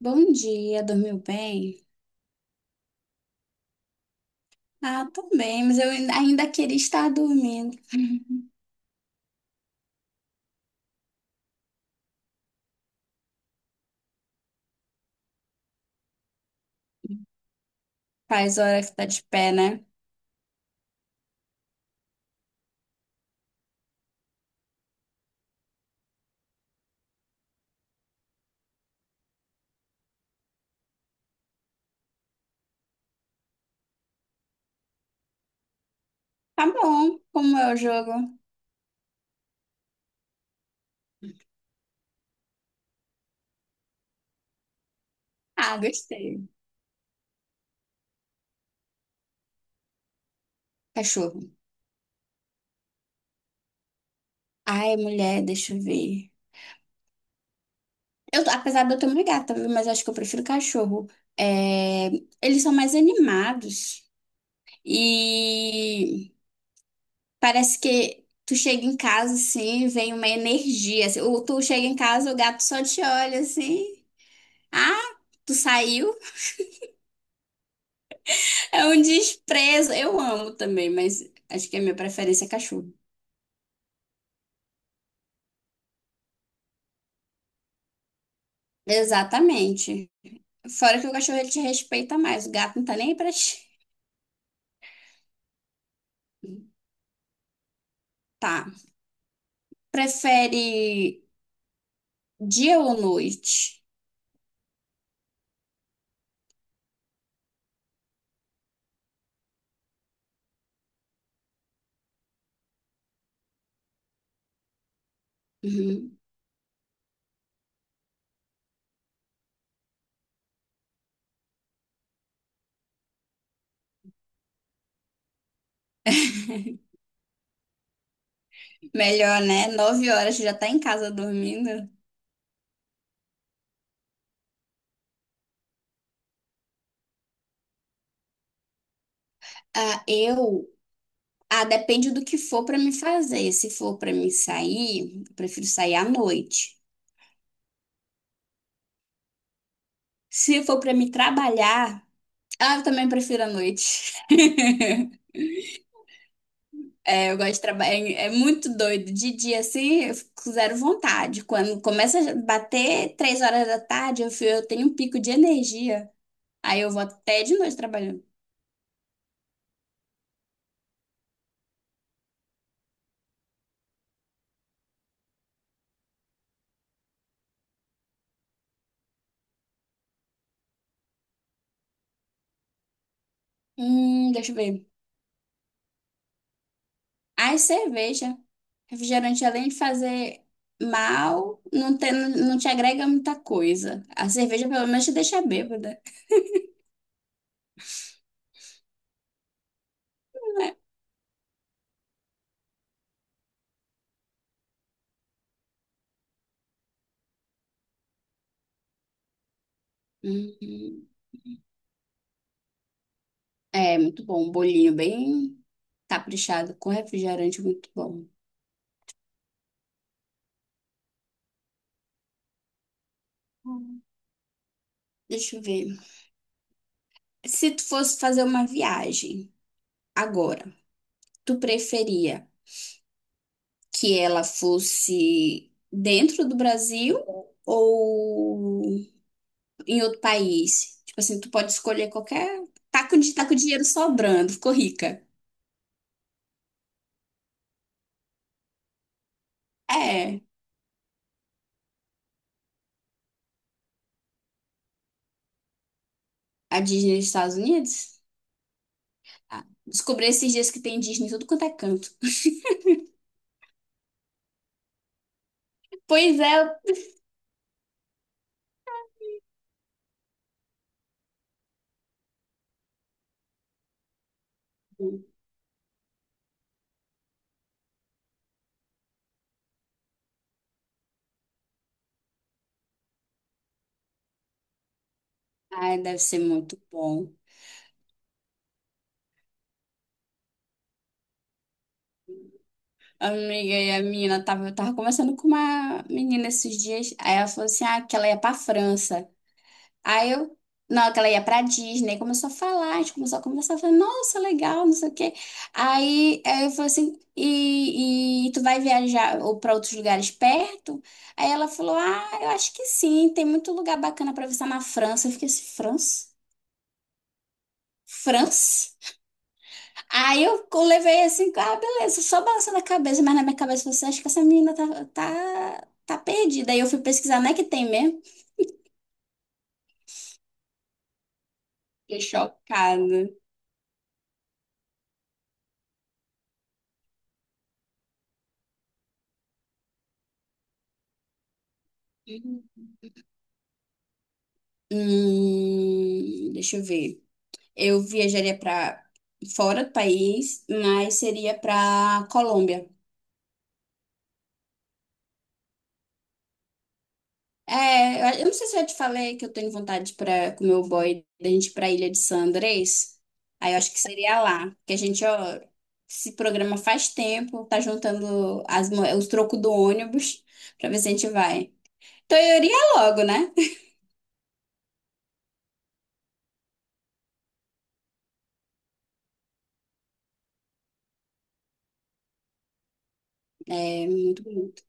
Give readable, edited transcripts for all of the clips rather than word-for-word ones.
Bom dia, dormiu bem? Ah, tô bem, mas eu ainda queria estar dormindo. Faz hora que tá de pé, né? Tá bom, como é o jogo? Ah, gostei. Cachorro. Ai, mulher, deixa eu ver. Eu, apesar de eu ter uma gata, viu? Mas acho que eu prefiro cachorro. É, eles são mais animados e parece que tu chega em casa assim, vem uma energia. Assim, ou tu chega em casa, o gato só te olha assim. Ah, tu saiu? É um desprezo. Eu amo também, mas acho que a minha preferência é cachorro. Exatamente. Fora que o cachorro ele te respeita mais, o gato não tá nem aí pra ti. Tá. Prefere dia ou noite? Uhum. Melhor, né? 9h você já tá em casa dormindo. Ah, eu. Ah, depende do que for pra me fazer. Se for pra me sair, eu prefiro sair à noite. Se for pra me trabalhar, ah, eu também prefiro à noite. É, eu gosto de trabalhar. É, é muito doido. De dia, assim, eu fico com zero vontade. Quando começa a bater 3h da tarde, eu tenho um pico de energia. Aí eu vou até de noite trabalhando. Deixa eu ver. Ai, cerveja. Refrigerante, além de fazer mal, não te agrega muita coisa. A cerveja, pelo menos, te deixa bêbada. Hum, é, muito bom. Um bolinho bem caprichado com refrigerante, muito bom. Hum. Deixa eu ver. Se tu fosse fazer uma viagem agora, tu preferia que ela fosse dentro do Brasil ou em outro país? Tipo assim, tu pode escolher qualquer. Tá com dinheiro sobrando, ficou rica. É, a Disney dos Estados Unidos? Ah, descobri esses dias que tem Disney em tudo quanto é canto. Pois é. Ai, deve ser muito bom. Amiga, e a menina tava, eu tava conversando com uma menina esses dias. Aí ela falou assim: ah, que ela ia pra França. Aí eu, na hora que ela ia pra Disney, começou a falar, a gente começou a conversar, eu falei, nossa, legal, não sei o quê. Aí eu falei assim, e tu vai viajar ou pra outros lugares perto? Aí ela falou, ah, eu acho que sim, tem muito lugar bacana pra visitar na França. Eu fiquei assim, França? França? Levei assim, ah, beleza, só balançando a cabeça, mas na minha cabeça você acha que essa menina tá, tá perdida. Aí eu fui pesquisar, não é que tem mesmo? Fiquei chocada. Deixa eu ver. Eu viajaria para fora do país, mas seria para Colômbia. É, eu não sei se eu já te falei que eu tenho vontade para com meu boy da gente ir para a Ilha de San Andrés. Aí eu acho que seria lá, que a gente ó, se programa faz tempo, tá juntando os trocos do ônibus para ver se a gente vai. Então eu iria logo, né? É muito bonito.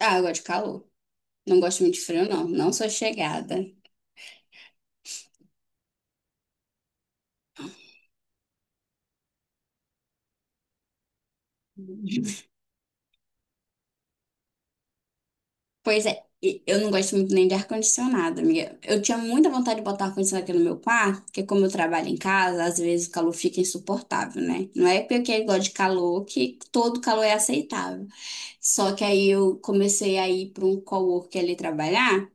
Ah, eu gosto de calor. Não gosto muito de frio, não. Não sou chegada. Pois é, e eu não gosto muito nem de ar-condicionado, amiga. Eu tinha muita vontade de botar ar-condicionado aqui no meu quarto, porque como eu trabalho em casa, às vezes o calor fica insuportável, né? Não é porque eu gosto de calor que todo calor é aceitável. Só que aí eu comecei a ir para um coworker ali trabalhar,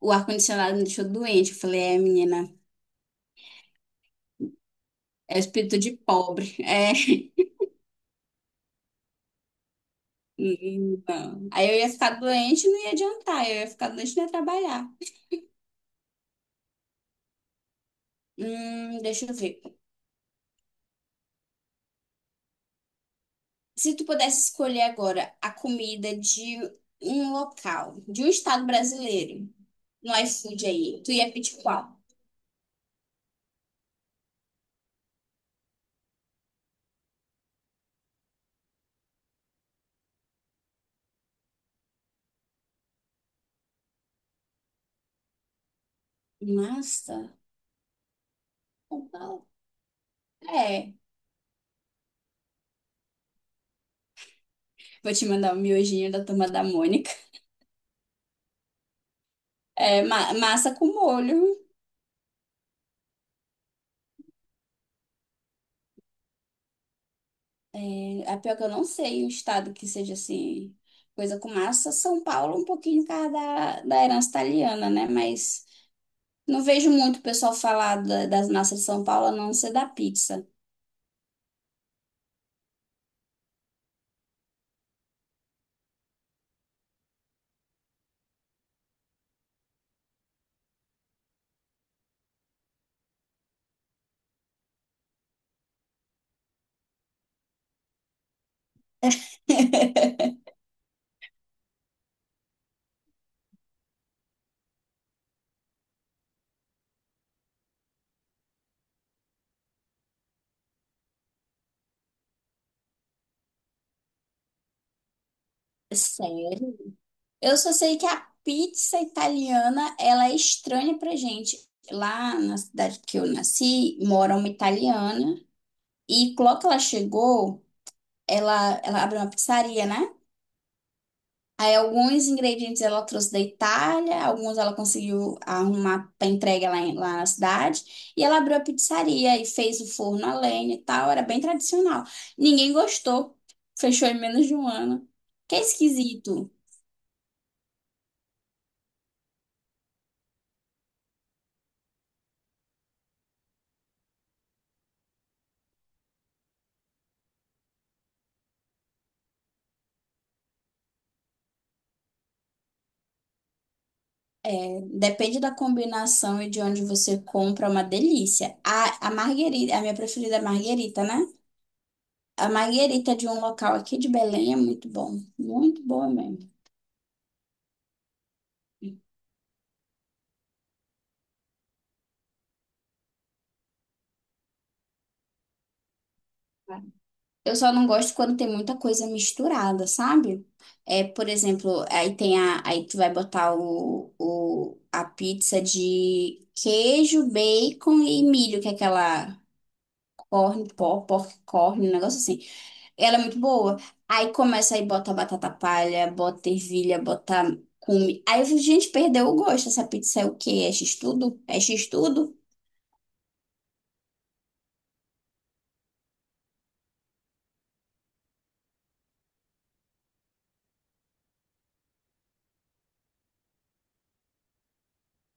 o ar-condicionado me deixou doente. Eu falei, é, menina, é espírito de pobre. É, não. Aí eu ia ficar doente e não ia adiantar, eu ia ficar doente e não ia trabalhar. Deixa eu ver. Se tu pudesse escolher agora a comida de um local, de um estado brasileiro, no iFood aí, tu ia pedir qual? Massa? Qual? É. Vou te mandar o miojinho da turma da Mônica. É, massa com molho. É, a pior que eu não sei um estado que seja assim, coisa com massa. São Paulo, um pouquinho por causa da herança italiana, né? Mas não vejo muito o pessoal falar das massas de São Paulo, a não ser da pizza. Sério? Eu só sei que a pizza italiana, ela é estranha pra gente. Lá na cidade que eu nasci, mora uma italiana e logo que ela chegou, ela abriu uma pizzaria, né? Aí alguns ingredientes ela trouxe da Itália, alguns ela conseguiu arrumar para entrega lá, lá na cidade. E ela abriu a pizzaria e fez o forno a lenha e tal, era bem tradicional. Ninguém gostou, fechou em menos de um ano. Que é esquisito. É, depende da combinação e de onde você compra, é uma delícia. A marguerita, a minha preferida é a marguerita, né? A marguerita de um local aqui de Belém é muito bom. Muito boa mesmo. Eu só não gosto quando tem muita coisa misturada, sabe? É, por exemplo, aí tem a, aí tu vai botar a pizza de queijo, bacon e milho, que é aquela pork corn, um negócio assim. Ela é muito boa. Aí começa aí, bota batata palha, bota ervilha, bota cume. Aí eu fico, gente, perdeu o gosto. Essa pizza é o quê? É x-tudo? É x-tudo?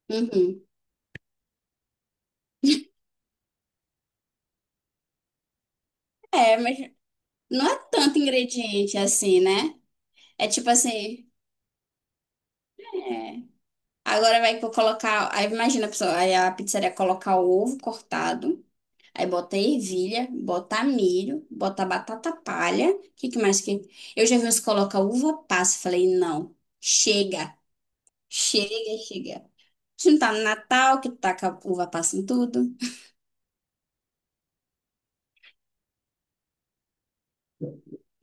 Uhum. É, mas não é tanto ingrediente assim, né? É tipo assim, é. Agora vai colocar. Aí imagina a pessoa, aí a pizzaria colocar o ovo cortado, aí bota ervilha, bota milho, bota batata palha. O que, que mais que. Eu já vi uns colocar uva passa. Falei, não, chega. Chega, chega. A gente tá no Natal, que tá com a uva passa em tudo.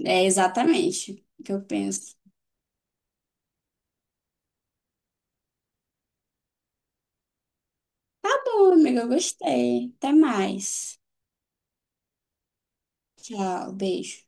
É exatamente o que eu penso. Tá bom, amiga, eu gostei. Até mais. Tchau, beijo.